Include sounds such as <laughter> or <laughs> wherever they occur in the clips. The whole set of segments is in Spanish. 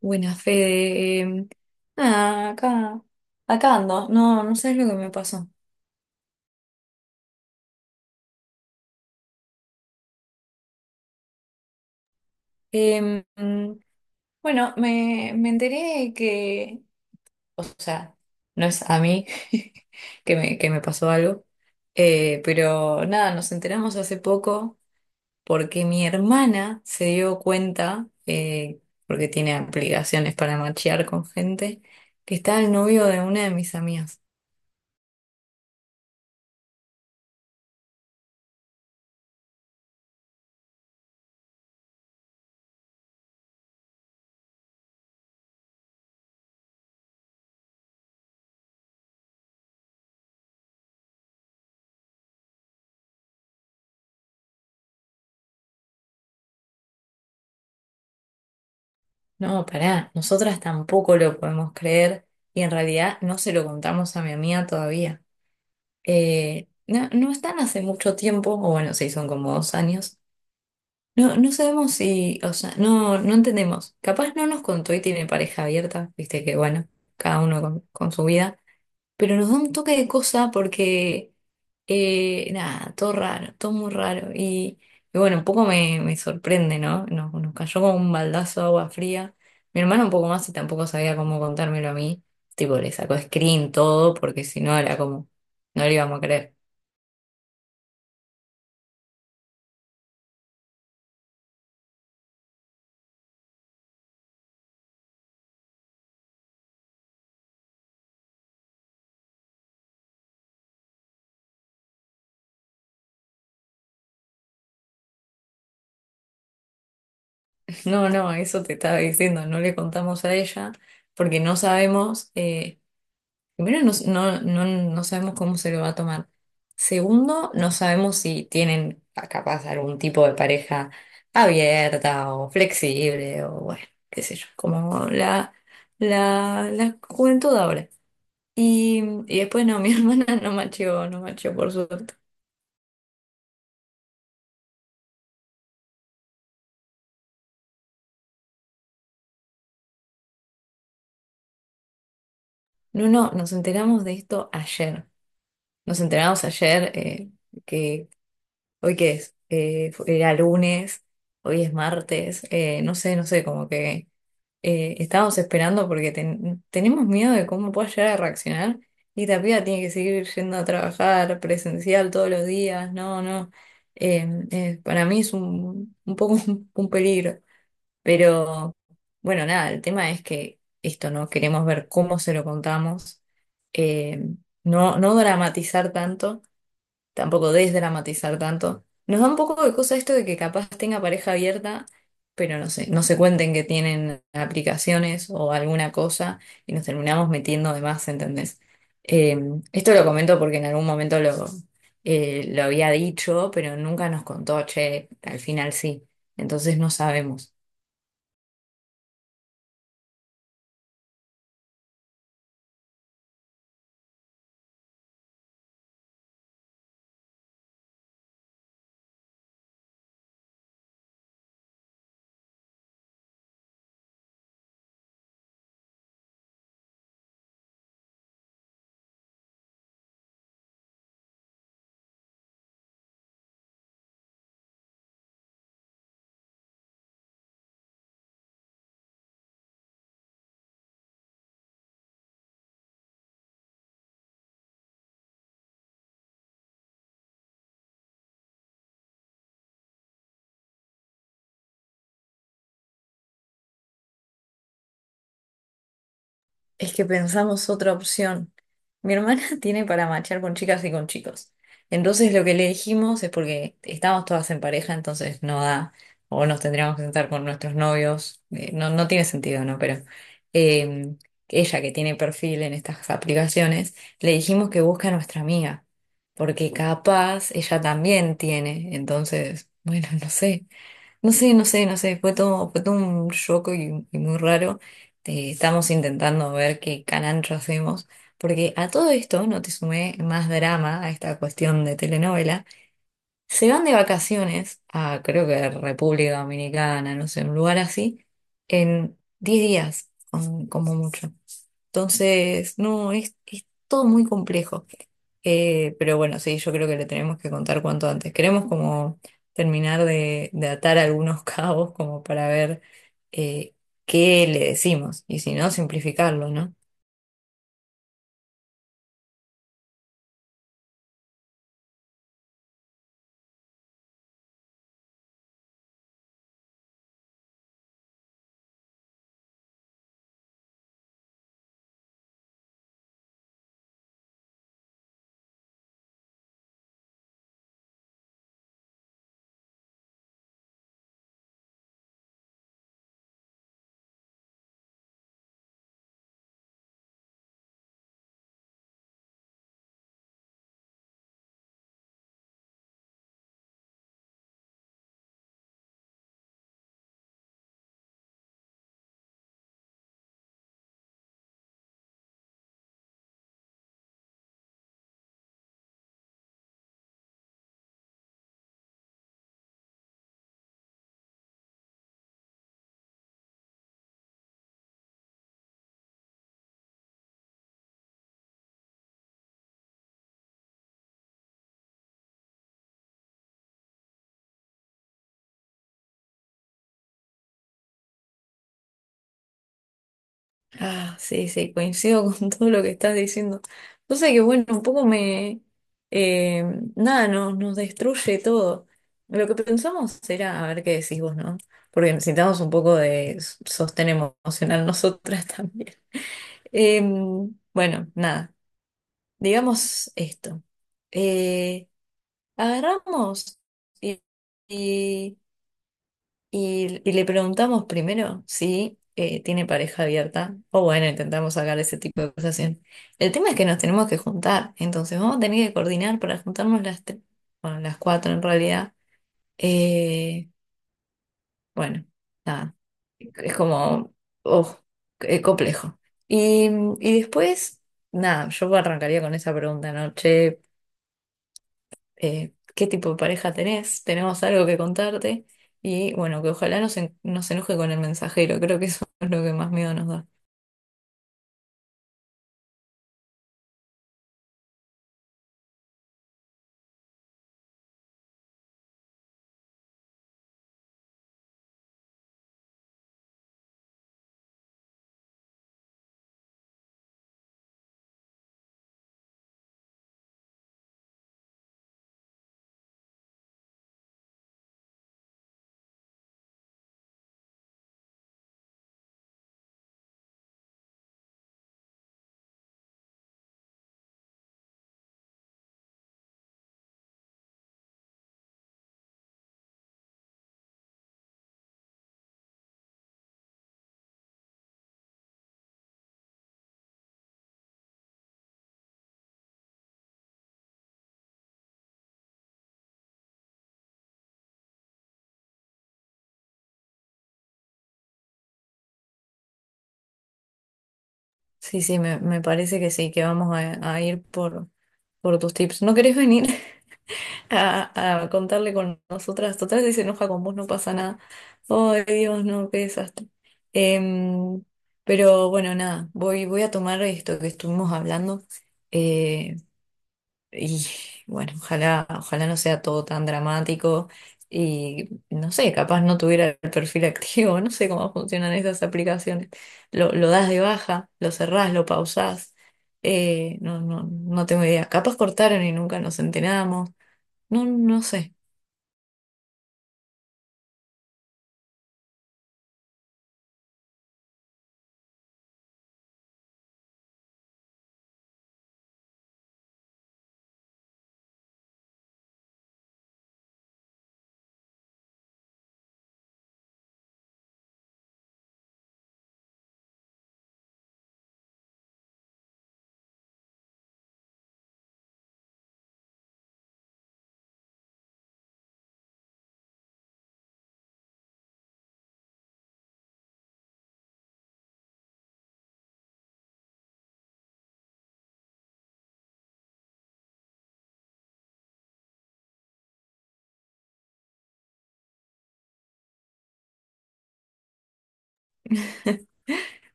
Buena Fede. Nada, acá ando. No, no sabes lo que me pasó. Em, mm, bueno, me enteré que o sea, no es a mí <laughs> que me pasó algo, pero nada, nos enteramos hace poco porque mi hermana se dio cuenta, porque tiene aplicaciones para machear con gente, que está el novio de una de mis amigas. No, pará, nosotras tampoco lo podemos creer y en realidad no se lo contamos a mi amiga todavía. No, no están hace mucho tiempo, o bueno, sí, son como 2 años. No, no sabemos si, o sea, no entendemos. Capaz no nos contó y tiene pareja abierta, viste que bueno, cada uno con su vida. Pero nos da un toque de cosa porque, nada, todo raro, todo muy raro. Y bueno, un poco me sorprende, ¿no? Nos cayó como un baldazo de agua fría. Mi hermano un poco más y tampoco sabía cómo contármelo a mí. Tipo, le sacó screen todo porque si no era como, no le íbamos a creer. <laughs> No, no, eso te estaba diciendo, no le contamos a ella porque no sabemos. Primero, no, no sabemos cómo se lo va a tomar. Segundo, no sabemos si tienen capaz algún tipo de pareja abierta o flexible o bueno, qué sé yo, como la juventud ahora. Y, y después no, mi <laughs> hermana no macheó, no macheó por suerte. No, no, nos enteramos de esto ayer. Nos enteramos ayer que hoy qué es, era lunes, hoy es martes, no sé, no sé, como que estábamos esperando porque tenemos miedo de cómo pueda llegar a reaccionar y esta piba tiene que seguir yendo a trabajar presencial todos los días, no, no, eh, para mí es un poco <laughs> un peligro, pero bueno, nada, el tema es que esto, ¿no? Queremos ver cómo se lo contamos, eh, no, no dramatizar tanto tampoco desdramatizar tanto. Nos da un poco de cosa esto de que capaz tenga pareja abierta, pero no sé, no se cuenten que tienen aplicaciones o alguna cosa y nos terminamos metiendo de más, ¿entendés? Eh, Esto lo comento porque en algún momento lo había dicho, pero nunca nos contó, che, al final sí. Entonces no sabemos. Es que pensamos otra opción. Mi hermana <laughs> tiene para machear con chicas y con chicos. Entonces lo que le dijimos es porque estamos todas en pareja, entonces no da, o nos tendríamos que sentar con nuestros novios. No, no tiene sentido, ¿no? Pero eh, ella que tiene perfil en estas aplicaciones, le dijimos que busque a nuestra amiga, porque capaz ella también tiene. Entonces, bueno, <laughs> no sé. No sé, no sé, no sé, fue todo un choco y muy raro. Estamos intentando ver qué carancho hacemos, porque a todo esto, no te sumé más drama a esta cuestión de telenovela, se van de vacaciones a, creo que República Dominicana, no sé, un lugar así, en 10 días, como mucho. Entonces, no, es todo muy complejo. Pero bueno, sí, yo creo que le tenemos que contar cuanto antes. Queremos como terminar de atar algunos <laughs> cabos como para ver eh, qué le decimos y si no, simplificarlo, ¿no? Ah, sí, sí, coincido con <laughs> todo lo que estás diciendo. Cosa que, bueno, un poco me... eh, nada, nos destruye todo. Lo que pensamos era, a ver qué decís vos, ¿no? Porque necesitamos un poco de sostén emocional nosotras <laughs> también. Bueno, nada, digamos esto. Eh, Agarramos y, y y le preguntamos primero si tiene pareja abierta, o bueno, intentamos sacar ese tipo de conversación. El tema es que nos tenemos que juntar, entonces vamos a tener que coordinar para juntarnos las tres, bueno, las cuatro en realidad. Eh, bueno, nada, es como, oh, complejo. Y, y después, nada, yo arrancaría con esa pregunta, ¿no? Che, qué tipo de pareja tenés, tenemos algo que contarte y bueno, que ojalá no no se enoje con el mensajero, creo que eso <laughs> es lo que más miedo nos da. Sí, sí, me parece que sí, que vamos a ir por tus tips. ¿No querés venir <laughs> a contarle con nosotras? Total, si se enoja con vos no pasa nada. Ay, Dios, no, qué desastre. Em, pero bueno, nada, voy a tomar esto que estuvimos hablando. eh, Y bueno, ojalá, ojalá no sea todo tan dramático y no sé, capaz no tuviera el perfil <laughs> activo, no sé cómo funcionan esas aplicaciones. Lo das de baja, lo cerrás, lo pausás, no, no tengo idea. Capaz cortaron y nunca nos enteramos, no sé.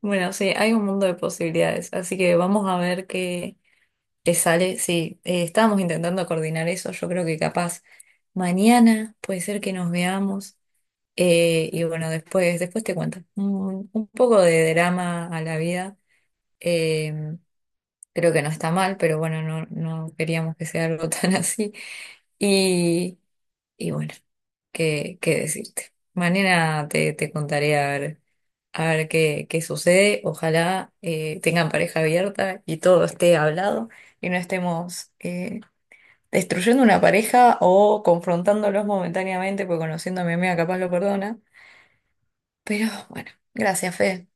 Bueno, sí, hay un mundo de posibilidades, así que vamos a ver qué, qué sale. Sí, estábamos intentando coordinar eso, yo creo que capaz mañana puede ser que nos veamos. Y bueno, después, después te cuento. Un poco de drama a la vida. eh, Creo que no está mal, pero bueno, no, no queríamos que sea algo <laughs> tan así. Y, y bueno, ¿qué, qué decirte? Mañana te contaré a ver qué, qué sucede. Ojalá tengan pareja abierta y todo esté hablado y no estemos destruyendo una pareja o confrontándolos momentáneamente, porque conociendo a mi amiga capaz lo perdona. Pero bueno, gracias, Fe.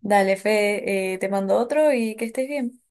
Dale, Fe, te mando otro y que estés bien.